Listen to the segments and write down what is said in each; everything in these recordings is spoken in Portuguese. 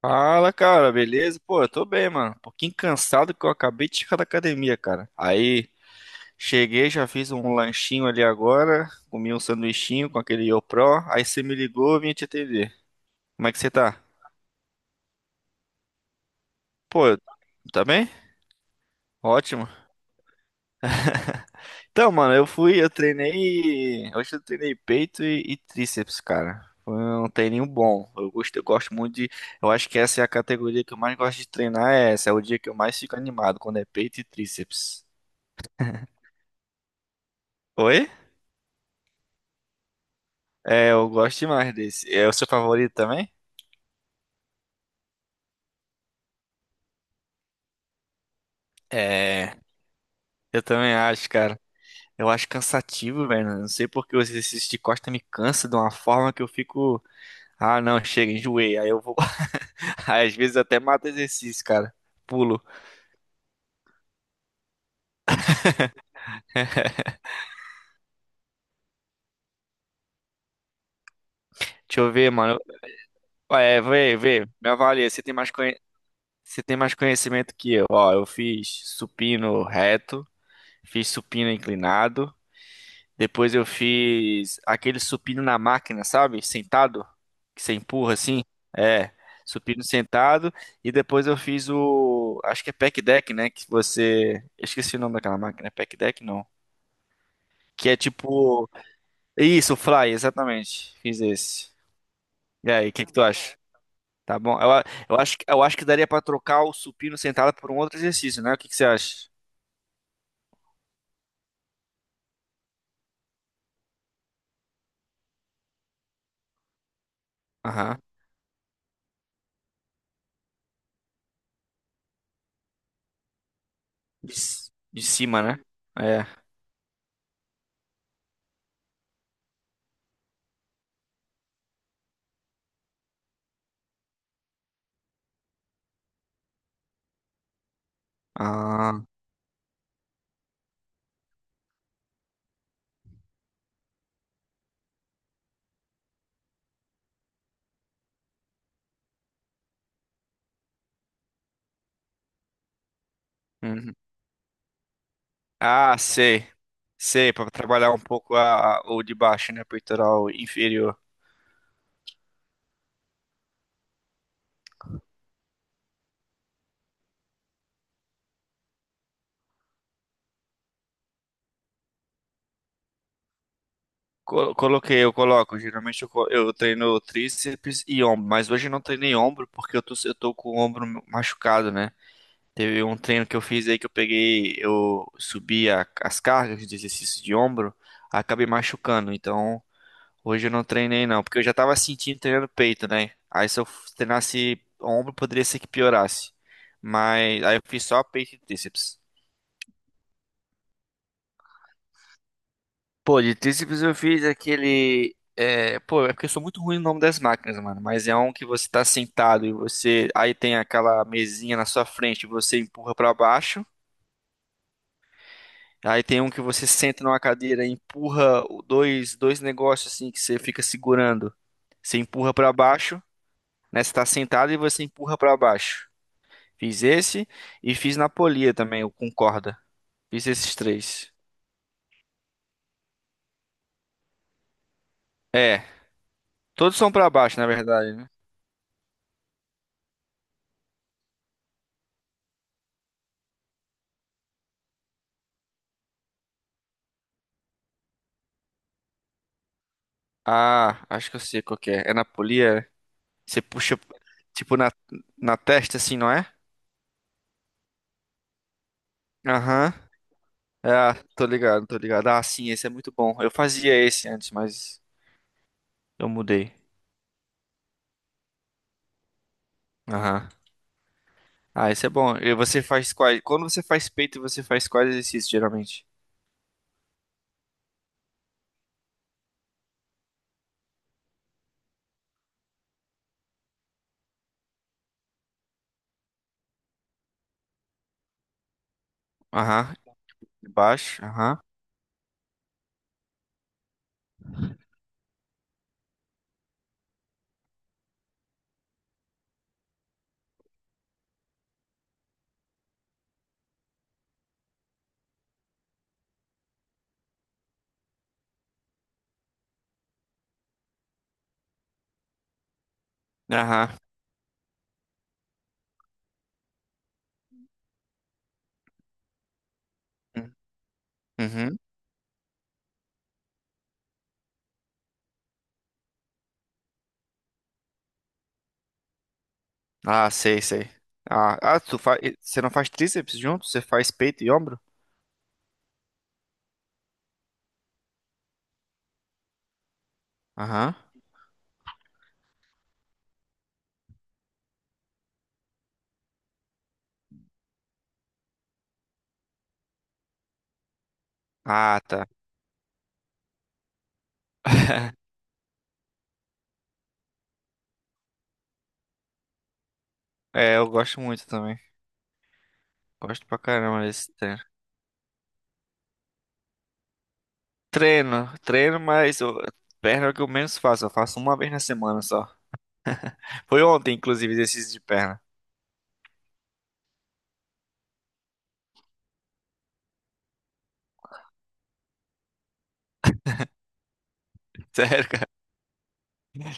Fala, cara, beleza? Pô, eu tô bem, mano. Um pouquinho cansado que eu acabei de chegar da academia, cara. Aí cheguei, já fiz um lanchinho ali agora, comi um sanduichinho com aquele YoPro. Aí você me ligou, eu vim te atender. Como é que você tá? Pô, eu- tá bem? Ótimo. Então, mano, eu fui, eu treinei. Hoje eu treinei peito e tríceps, cara. Foi um treininho bom. Eu gosto muito de. Eu acho que essa é a categoria que eu mais gosto de treinar. É essa, é o dia que eu mais fico animado, quando é peito e tríceps. Oi? É, eu gosto demais desse. É o seu favorito também? É, eu também acho, cara. Eu acho cansativo, velho. Não sei porque o exercício de costa me cansa de uma forma que eu fico. Ah, não, chega, enjoei. Aí eu vou. Aí, às vezes eu até mato exercício, cara. Pulo. Deixa eu ver, mano. É, vê. Me avalia. Você tem mais conhe... Você tem mais conhecimento que eu. Ó, eu fiz supino reto, fiz supino inclinado. Depois eu fiz aquele supino na máquina, sabe? Sentado, que você empurra assim. É, supino sentado. E depois eu fiz o, acho que é pec deck, né? Que você, eu esqueci o nome daquela máquina, é pack deck não. Que é tipo, isso, fly, exatamente. Fiz esse. E aí, o que que tu acha? Tá bom? Eu, a- eu acho que daria pra trocar o supino sentado por um outro exercício, né? O que que você acha? Aham. De, c- de cima, né? É. Ah. Uhum. Ah, sei. Sei, para trabalhar um pouco a, o de baixo, né? Peitoral inferior. Co- coloquei, eu coloco. Geralmente eu, co- eu treino tríceps e ombro, mas hoje eu não treinei ombro porque eu tô com o ombro machucado, né? Teve um treino que eu fiz aí que eu peguei, eu subi a- as cargas de exercício de ombro, acabei machucando. Então hoje eu não treinei não, porque eu já tava sentindo treinando peito, né? Aí se eu treinasse ombro, poderia ser que piorasse. Mas aí eu fiz só peito e tríceps. Pô, de tríceps eu fiz aquele. É, pô, é porque eu sou muito ruim no nome das máquinas, mano. Mas é um que você tá sentado e você. Aí tem aquela mesinha na sua frente e você empurra pra baixo. Aí tem um que você senta numa cadeira e empurra o- dois, dois negócios assim que você fica segurando. Você empurra pra baixo, né? Você tá sentado e você empurra pra baixo. Fiz esse e fiz na polia também, o com corda. Fiz esses três. É, todos são pra baixo, na verdade, né? Ah, acho que eu sei qual que é. É na polia? Você puxa, tipo, na testa, assim, não é? Aham. Ah, tô ligado, tô ligado. Ah, sim, esse é muito bom. Eu fazia esse antes, mas eu mudei. Aham. Ah, esse é bom. E você faz quais? Quando você faz peito, você faz quais exercícios, geralmente? Aham. Baixo. Aham. Aham. Uhum. Ah, sei, sei. Ah, ah, tu faz. Você não faz tríceps junto? Você faz peito e ombro? Aham. Ah, tá. É, eu gosto muito também. Gosto pra caramba desse. Treino, treino, mas eu- perna é o que eu menos faço. Eu faço uma vez na semana só. Foi ontem, inclusive, exercício de perna. Sério, cara.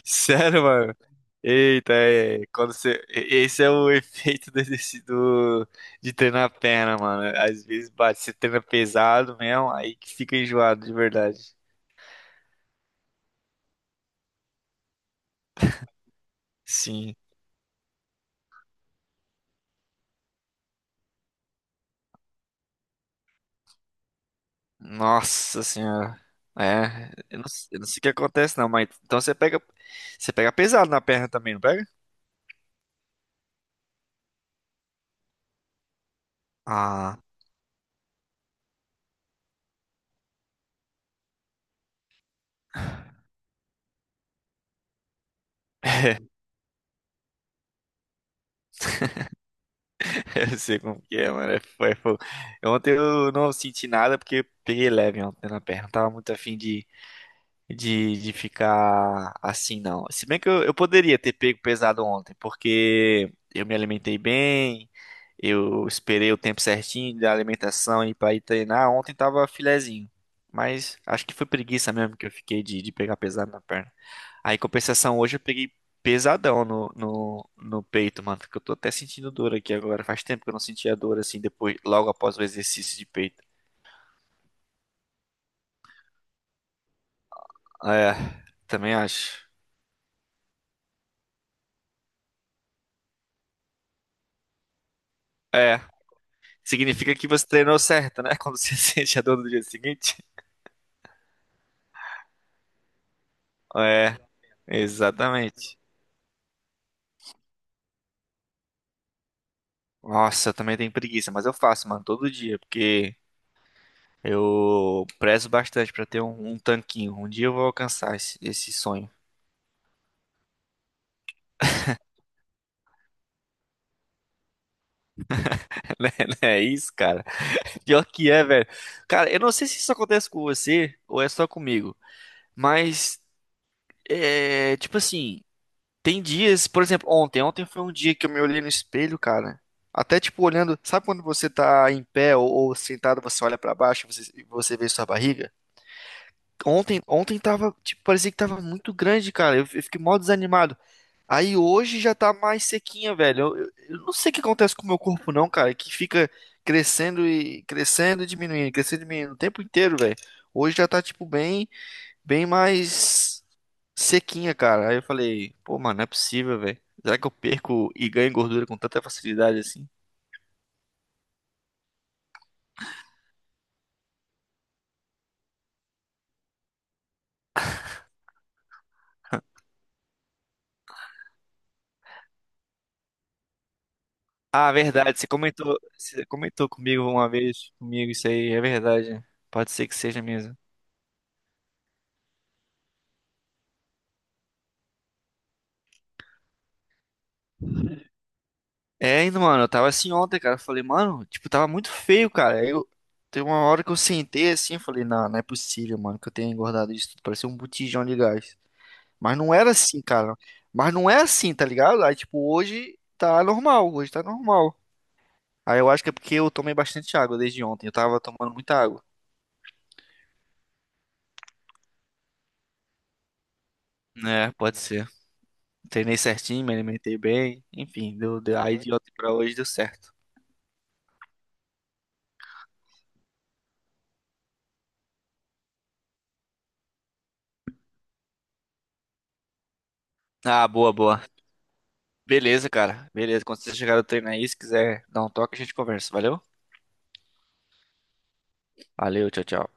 Sério, mano. Eita, é, quando você... e- esse é o efeito do exercício do- de treinar a perna, mano. Às vezes bate, você treina pesado mesmo, aí que fica enjoado de verdade. Sim. Nossa senhora. É, eu não sei o que acontece não, mas então você pega pesado na perna também, não pega? Ah. Eu sei como que é, mano. É fo- é fogo. Ontem eu não senti nada porque peguei leve ontem na perna. Não tava muito afim de, de ficar assim, não. Se bem que eu poderia ter pego pesado ontem, porque eu me alimentei bem, eu esperei o tempo certinho da alimentação e para ir treinar. Ontem tava filezinho. Mas acho que foi preguiça mesmo que eu fiquei de pegar pesado na perna. Aí, em compensação, hoje eu peguei pesadão no peito, mano. Que eu tô até sentindo dor aqui agora. Faz tempo que eu não sentia dor assim, depois, logo após o exercício de peito. É, também acho. É. Significa que você treinou certo, né? Quando você sente a dor do dia seguinte. É, exatamente. Nossa, eu também tenho preguiça, mas eu faço, mano, todo dia, porque eu prezo bastante pra ter um, um tanquinho. Um dia eu vou alcançar esse, esse sonho. Né? Não é isso, cara. Pior que é, velho. Cara, eu não sei se isso acontece com você ou é só comigo, mas é tipo assim. Tem dias, por exemplo, ontem. Ontem foi um dia que eu me olhei no espelho, cara. Até tipo olhando, sabe quando você tá em pé ou sentado, você olha pra baixo e você vê sua barriga? Ontem, ontem tava, tipo, parecia que tava muito grande, cara. Eu fiquei mó desanimado. Aí hoje já tá mais sequinha, velho. Eu não sei o que acontece com o meu corpo, não, cara, que fica crescendo e crescendo e diminuindo o tempo inteiro, velho. Hoje já tá tipo bem, bem mais sequinha, cara. Aí eu falei, pô, mano, não é possível, velho. Será que eu perco e ganho gordura com tanta facilidade assim? Ah, verdade, você comentou comigo uma vez, comigo isso aí, é verdade. Né? Pode ser que seja mesmo. É, e, mano, eu tava assim ontem, cara. Eu falei, mano, tipo, tava muito feio, cara. Aí eu tem uma hora que eu sentei assim, eu falei, não, não é possível, mano, que eu tenha engordado isso tudo. Parecia um botijão de gás. Mas não era assim, cara. Mas não é assim, tá ligado? Aí, tipo, hoje tá normal, hoje tá normal. Aí eu acho que é porque eu tomei bastante água desde ontem. Eu tava tomando muita água. É, pode ser. Treinei certinho, me alimentei bem. Enfim, deu, deu- aí de ontem pra hoje deu certo. Ah, boa, boa. Beleza, cara. Beleza. Quando você chegar no treino aí, se quiser dar um toque, a gente conversa. Valeu? Valeu, tchau, tchau.